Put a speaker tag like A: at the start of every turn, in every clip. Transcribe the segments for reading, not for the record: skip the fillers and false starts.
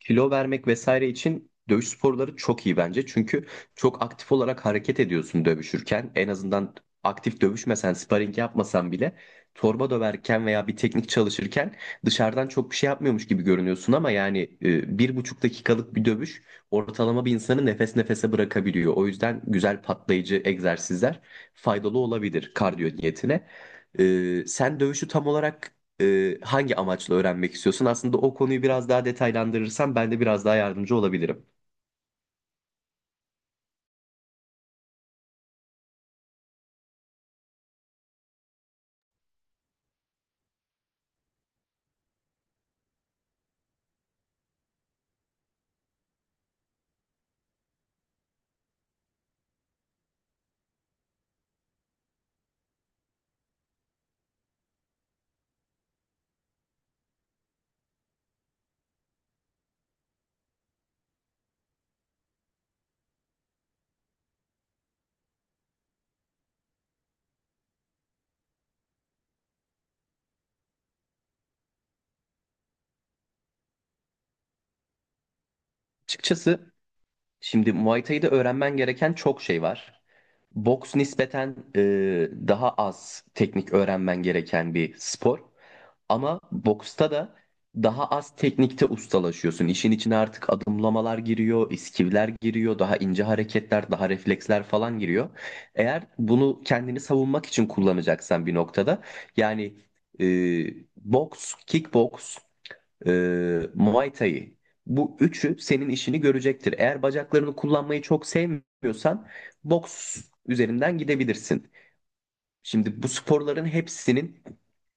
A: Kilo vermek vesaire için dövüş sporları çok iyi bence. Çünkü çok aktif olarak hareket ediyorsun dövüşürken. En azından aktif dövüşmesen, sparring yapmasan bile torba döverken veya bir teknik çalışırken dışarıdan çok bir şey yapmıyormuş gibi görünüyorsun ama yani bir buçuk dakikalık bir dövüş ortalama bir insanı nefes nefese bırakabiliyor. O yüzden güzel patlayıcı egzersizler faydalı olabilir kardiyo niyetine. Sen dövüşü tam olarak hangi amaçla öğrenmek istiyorsun? Aslında o konuyu biraz daha detaylandırırsan ben de biraz daha yardımcı olabilirim. Açıkçası, şimdi Muay Thai'de öğrenmen gereken çok şey var. Boks nispeten daha az teknik öğrenmen gereken bir spor. Ama boksta da daha az teknikte ustalaşıyorsun. İşin içine artık adımlamalar giriyor, iskivler giriyor, daha ince hareketler, daha refleksler falan giriyor. Eğer bunu kendini savunmak için kullanacaksan bir noktada yani e, boks, kickboks, Muay Thai. Bu üçü senin işini görecektir. Eğer bacaklarını kullanmayı çok sevmiyorsan boks üzerinden gidebilirsin. Şimdi bu sporların hepsinin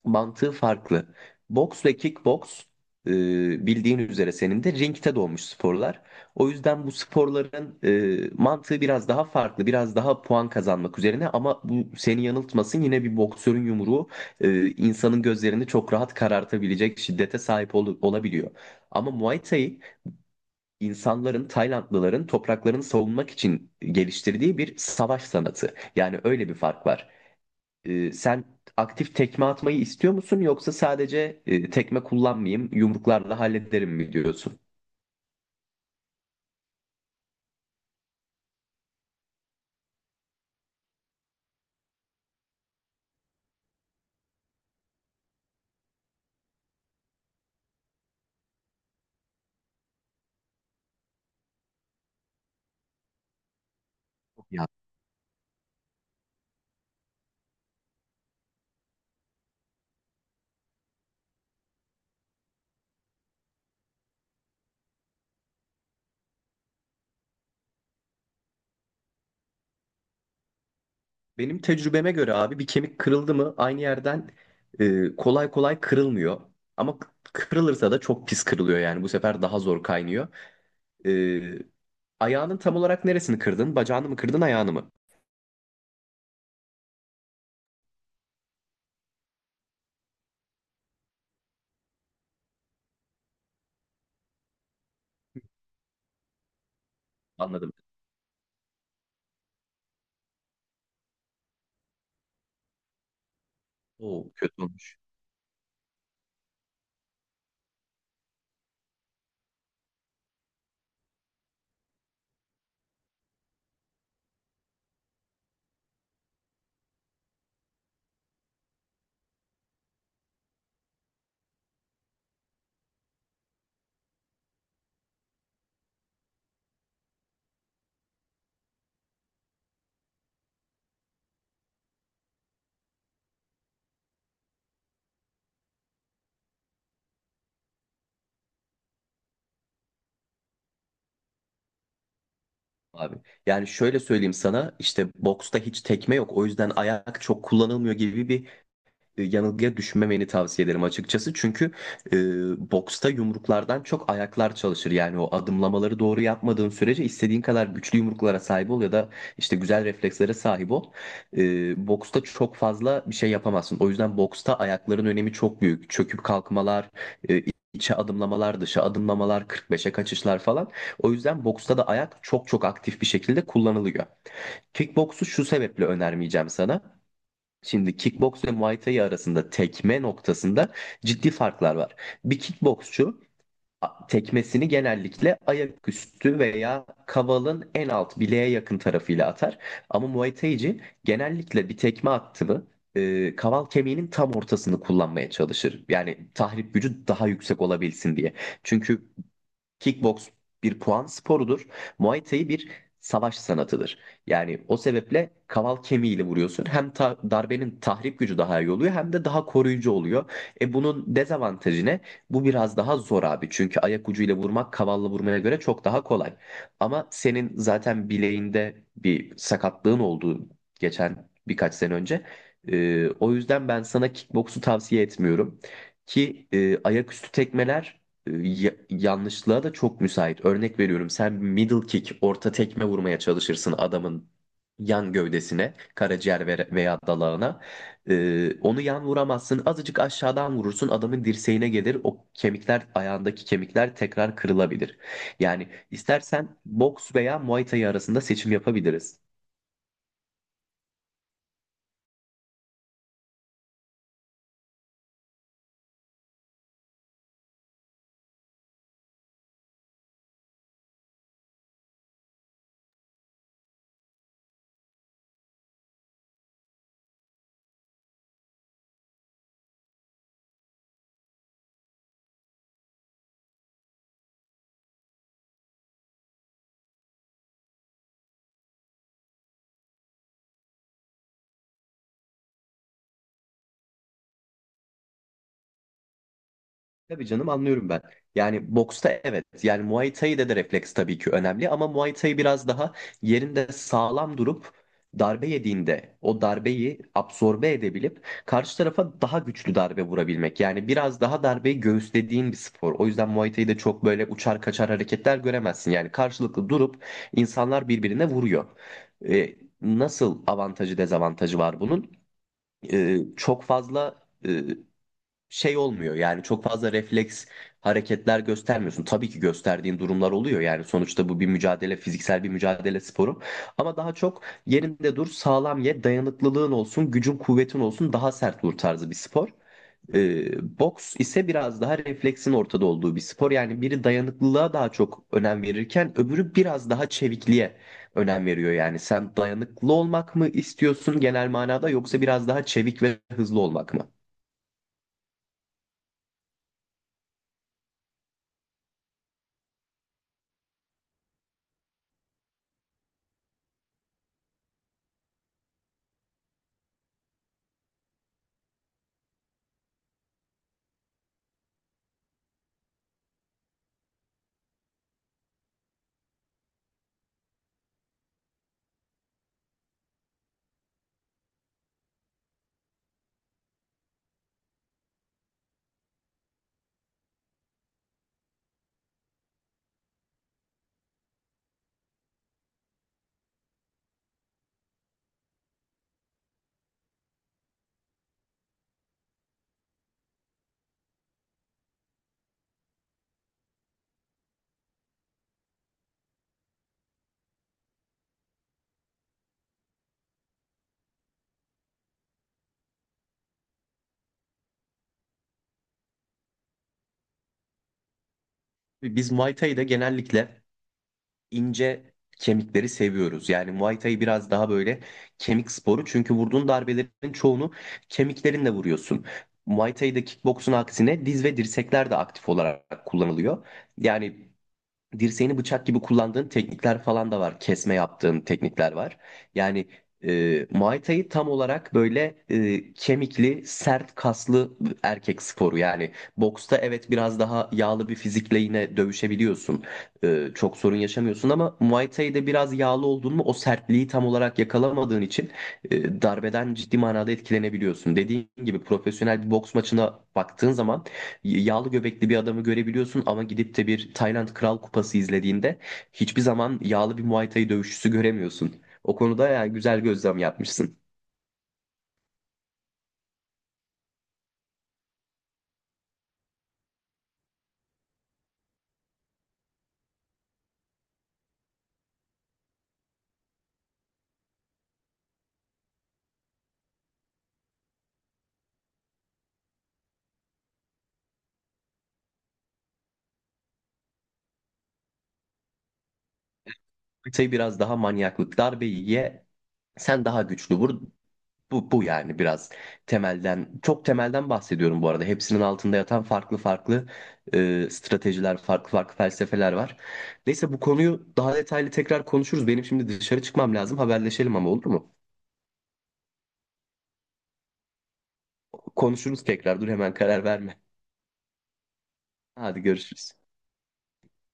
A: mantığı farklı. Boks ve kickboks, e, bildiğin üzere senin de ringte doğmuş sporlar. O yüzden bu sporların mantığı biraz daha farklı, biraz daha puan kazanmak üzerine ama bu seni yanıltmasın, yine bir boksörün yumruğu insanın gözlerini çok rahat karartabilecek şiddete sahip olabiliyor. Ama Muay Thai insanların, Taylandlıların topraklarını savunmak için geliştirdiği bir savaş sanatı. Yani öyle bir fark var. Sen aktif tekme atmayı istiyor musun yoksa sadece tekme kullanmayayım, yumruklarla hallederim mi diyorsun? Ya benim tecrübeme göre abi bir kemik kırıldı mı aynı yerden kolay kolay kırılmıyor. Ama kırılırsa da çok pis kırılıyor, yani bu sefer daha zor kaynıyor. Ee, Ayağının tam olarak neresini kırdın? Bacağını mı kırdın, ayağını mı? Anladım. Oo, kötü olmuş abi. Yani şöyle söyleyeyim sana, işte boksta hiç tekme yok o yüzden ayak çok kullanılmıyor gibi bir yanılgıya düşmemeni tavsiye ederim açıkçası. Çünkü e, boksta yumruklardan çok ayaklar çalışır. Yani o adımlamaları doğru yapmadığın sürece istediğin kadar güçlü yumruklara sahip ol ya da işte güzel reflekslere sahip ol. E, Boksta çok fazla bir şey yapamazsın. O yüzden boksta ayakların önemi çok büyük. Çöküp kalkmalar, e, içe adımlamalar, dışa adımlamalar, 45'e kaçışlar falan. O yüzden boksta da ayak çok çok aktif bir şekilde kullanılıyor. Kickboksu şu sebeple önermeyeceğim sana. Şimdi kickbox ve Muay Thai arasında tekme noktasında ciddi farklar var. Bir kickboksçu tekmesini genellikle ayaküstü veya kavalın en alt bileğe yakın tarafıyla atar. Ama Muay Thai'ci genellikle bir tekme attı kaval kemiğinin tam ortasını kullanmaya çalışır. Yani tahrip gücü daha yüksek olabilsin diye. Çünkü kickbox bir puan sporudur. Muay Thai bir savaş sanatıdır. Yani o sebeple kaval kemiğiyle vuruyorsun. Hem darbenin tahrip gücü daha iyi oluyor hem de daha koruyucu oluyor. E, bunun dezavantajı ne? Bu biraz daha zor abi. Çünkü ayak ucuyla vurmak kavalla vurmaya göre çok daha kolay. Ama senin zaten bileğinde bir sakatlığın oldu geçen birkaç sene önce. O yüzden ben sana kickboksu tavsiye etmiyorum. Ki ayaküstü tekmeler yanlışlığa da çok müsait. Örnek veriyorum, sen middle kick, orta tekme vurmaya çalışırsın adamın yan gövdesine, karaciğer veya dalağına. Onu yan vuramazsın. Azıcık aşağıdan vurursun, adamın dirseğine gelir. O kemikler, ayağındaki kemikler tekrar kırılabilir. Yani istersen boks veya Muay Thai arasında seçim yapabiliriz. Tabii canım, anlıyorum ben. Yani boksta evet. Yani Muay Thai'de de refleks tabii ki önemli ama Muay Thai biraz daha yerinde sağlam durup darbe yediğinde o darbeyi absorbe edebilip karşı tarafa daha güçlü darbe vurabilmek. Yani biraz daha darbeyi göğüslediğin bir spor. O yüzden Muay Thai'de çok böyle uçar kaçar hareketler göremezsin. Yani karşılıklı durup insanlar birbirine vuruyor. Ee, Nasıl avantajı dezavantajı var bunun? Çok fazla e, şey olmuyor, yani çok fazla refleks hareketler göstermiyorsun. Tabii ki gösterdiğin durumlar oluyor, yani sonuçta bu bir mücadele, fiziksel bir mücadele sporu ama daha çok yerinde dur, sağlam ye, dayanıklılığın olsun, gücün kuvvetin olsun, daha sert vur tarzı bir spor. Boks ise biraz daha refleksin ortada olduğu bir spor. Yani biri dayanıklılığa daha çok önem verirken öbürü biraz daha çevikliğe önem veriyor. Yani sen dayanıklı olmak mı istiyorsun genel manada, yoksa biraz daha çevik ve hızlı olmak mı? Biz Muay Thai'de genellikle ince kemikleri seviyoruz. Yani Muay Thai biraz daha böyle kemik sporu. Çünkü vurduğun darbelerin çoğunu kemiklerinle vuruyorsun. Muay Thai'de kickboksun aksine diz ve dirsekler de aktif olarak kullanılıyor. Yani dirseğini bıçak gibi kullandığın teknikler falan da var. Kesme yaptığın teknikler var. Yani Muay Thai tam olarak böyle kemikli, sert kaslı erkek sporu. Yani boksta evet, biraz daha yağlı bir fizikle yine dövüşebiliyorsun. Çok sorun yaşamıyorsun ama Muay Thai'de biraz yağlı oldun mu, o sertliği tam olarak yakalamadığın için darbeden ciddi manada etkilenebiliyorsun. Dediğin gibi, profesyonel bir boks maçına baktığın zaman yağlı göbekli bir adamı görebiliyorsun ama gidip de bir Tayland Kral Kupası izlediğinde hiçbir zaman yağlı bir Muay Thai dövüşçüsü göremiyorsun. O konuda yani güzel gözlem yapmışsın. Muay Thai biraz daha manyaklık. Darbeyi ye, sen daha güçlü vur. Bu yani biraz temelden, çok temelden bahsediyorum bu arada. Hepsinin altında yatan farklı farklı stratejiler, farklı farklı felsefeler var. Neyse, bu konuyu daha detaylı tekrar konuşuruz. Benim şimdi dışarı çıkmam lazım. Haberleşelim ama, olur mu? Konuşuruz tekrar. Dur, hemen karar verme. Hadi, görüşürüz.